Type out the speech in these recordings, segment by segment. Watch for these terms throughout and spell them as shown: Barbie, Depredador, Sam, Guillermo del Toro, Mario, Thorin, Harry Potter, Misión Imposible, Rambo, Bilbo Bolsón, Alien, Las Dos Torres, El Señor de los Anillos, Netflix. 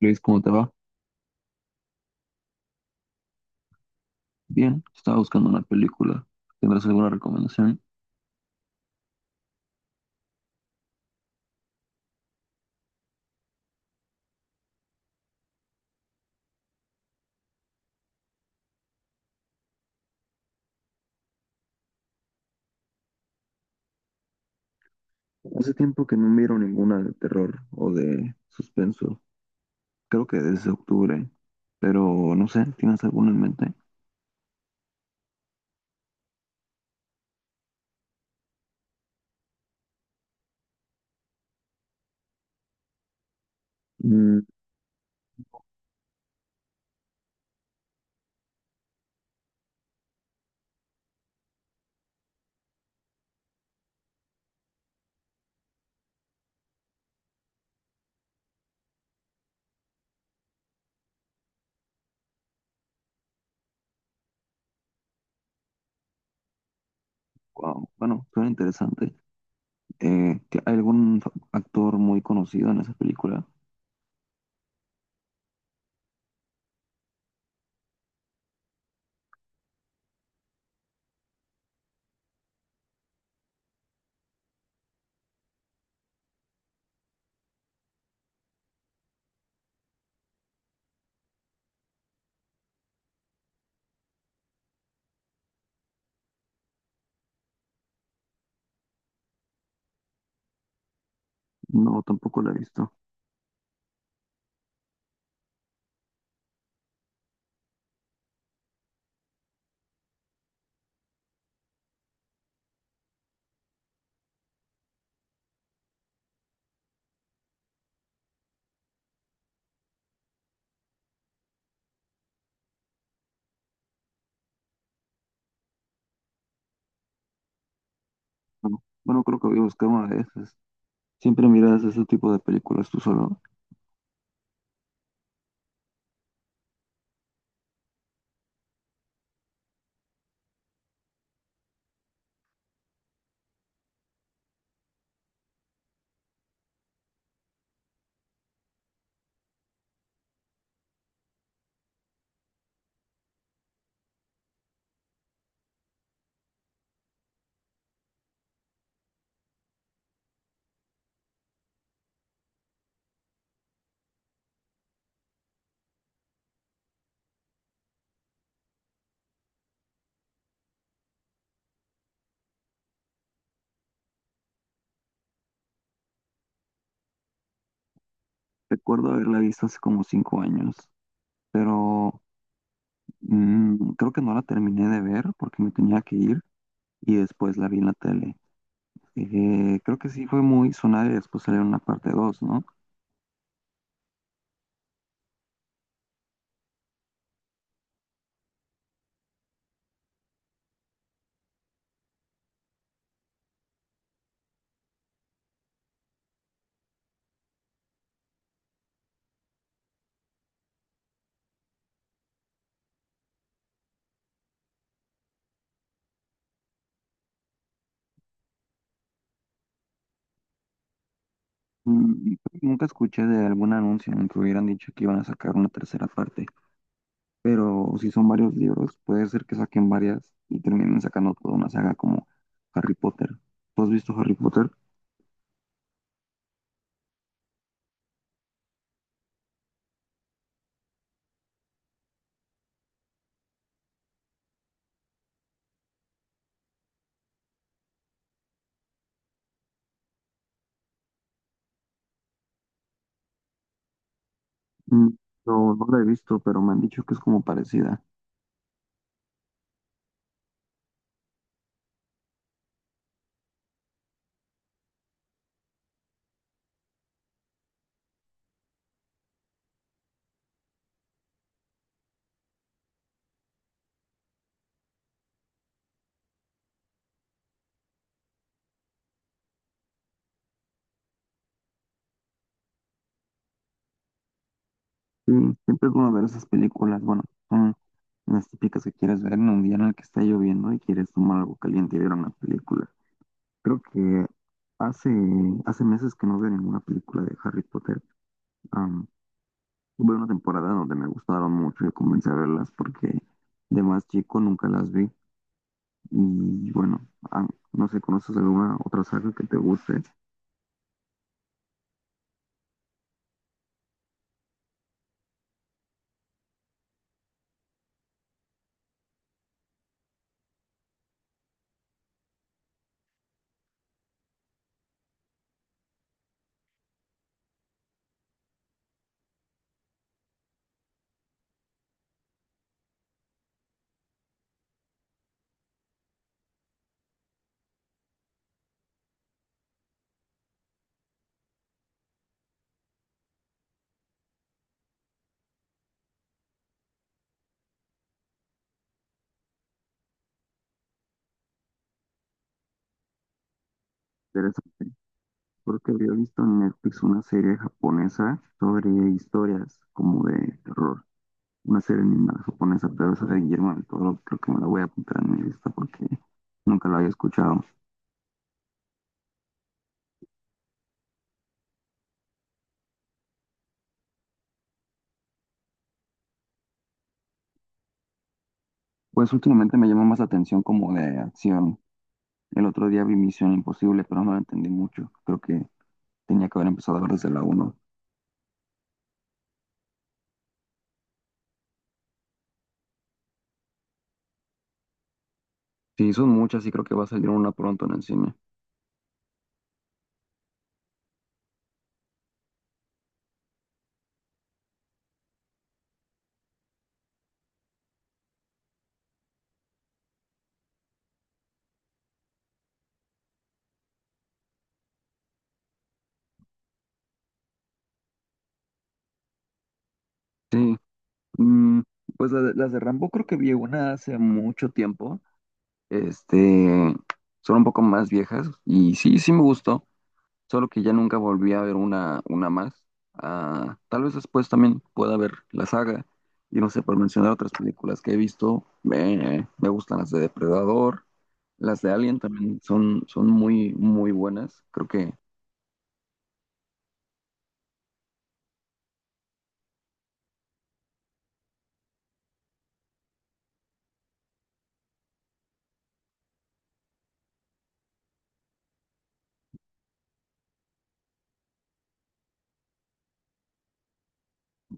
Luis, ¿cómo te va? Bien, estaba buscando una película. ¿Tendrás alguna recomendación? Hace tiempo que no miro ninguna de terror o de suspenso. Creo que desde octubre, pero no sé, ¿tienes alguna en mente? Mm, wow, bueno, suena interesante. ¿Que ¿Hay algún actor muy conocido en esa película? No, tampoco la he visto. No. Bueno, creo que voy a buscar una de esas. ¿Siempre miras ese tipo de películas tú solo? Recuerdo haberla visto hace como 5 años. Pero Creo que no la terminé de ver porque me tenía que ir y después la vi en la tele. Creo que sí fue muy sonada y después salió una parte 2, ¿no? Mm, Nunca escuché de algún anuncio en que hubieran dicho que iban a sacar una tercera parte, pero si son varios libros, puede ser que saquen varias y terminen sacando toda una saga como Harry Potter. ¿Tú has visto Harry Potter? Mm, No, no la he visto, pero me han dicho que es como parecida. Sí, siempre es bueno ver esas películas, bueno, son las típicas que quieres ver en un día en el que está lloviendo y quieres tomar algo caliente y ver una película. Creo que hace, hace meses que no veo ninguna película de Harry Potter. Am, Hubo una temporada donde me gustaron mucho y comencé a verlas porque de más chico nunca las vi. Y bueno, no sé, ¿conoces alguna otra saga que te guste? Interesante. Creo que había visto en Netflix una serie japonesa sobre historias como de terror, una serie animada japonesa, pero esa de Guillermo del Toro creo que me la voy a apuntar en mi lista porque nunca la había escuchado. Pues últimamente me llama más la atención como de acción. El otro día vi Misión Imposible, pero no la entendí mucho. Creo que tenía que haber empezado a ver desde la uno. Sí, son muchas y creo que va a salir una pronto en el cine. Sí, mm, pues las de Rambo creo que vi una hace mucho tiempo. Este, Son un poco más viejas y sí, sí me gustó. Solo que ya nunca volví a ver una más. Ah, tal vez después también pueda ver la saga. Y no sé, por mencionar otras películas que he visto, me gustan las de Depredador, las de Alien también son, son muy, muy buenas. Creo que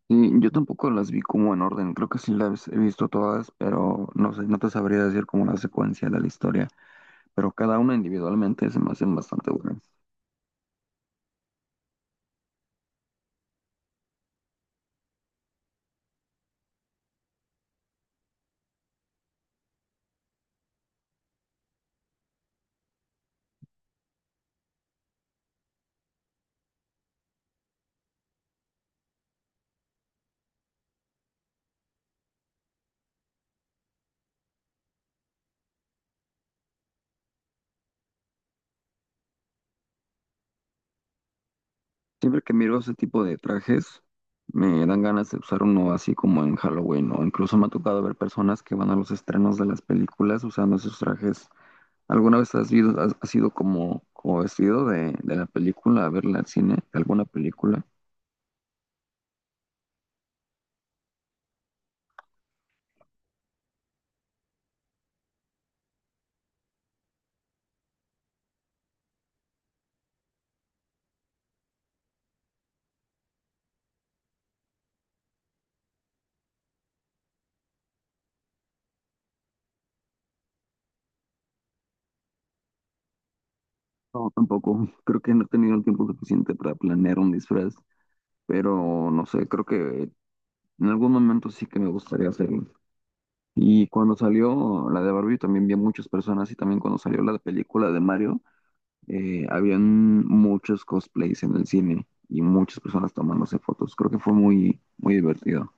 sí, yo tampoco las vi como en orden, creo que sí las he visto todas, pero no sé, no te sabría decir como la secuencia de la historia, pero cada una individualmente se me hacen bastante buenas. Siempre que miro ese tipo de trajes, me dan ganas de usar uno así como en Halloween, o incluso me ha tocado ver personas que van a los estrenos de las películas usando esos trajes. ¿Alguna vez has ido como, como vestido de la película a verla al cine, de alguna película? No, tampoco. Creo que no he tenido el tiempo suficiente para planear un disfraz, pero no sé, creo que en algún momento sí que me gustaría hacerlo. Y cuando salió la de Barbie también vi a muchas personas y también cuando salió la película de Mario. Habían muchos cosplays en el cine y muchas personas tomándose fotos. Creo que fue muy, muy divertido.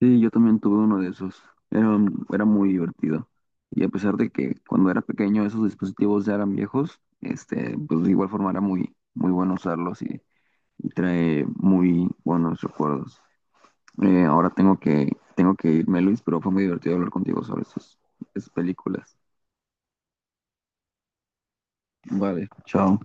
Sí, yo también tuve uno de esos. Era, Era muy divertido. Y a pesar de que cuando era pequeño esos dispositivos ya eran viejos, este, pues de igual forma era muy, muy bueno usarlos y trae muy buenos recuerdos. Eh, ahora tengo que irme, Luis, pero fue muy divertido hablar contigo sobre esas películas. Vale, chao.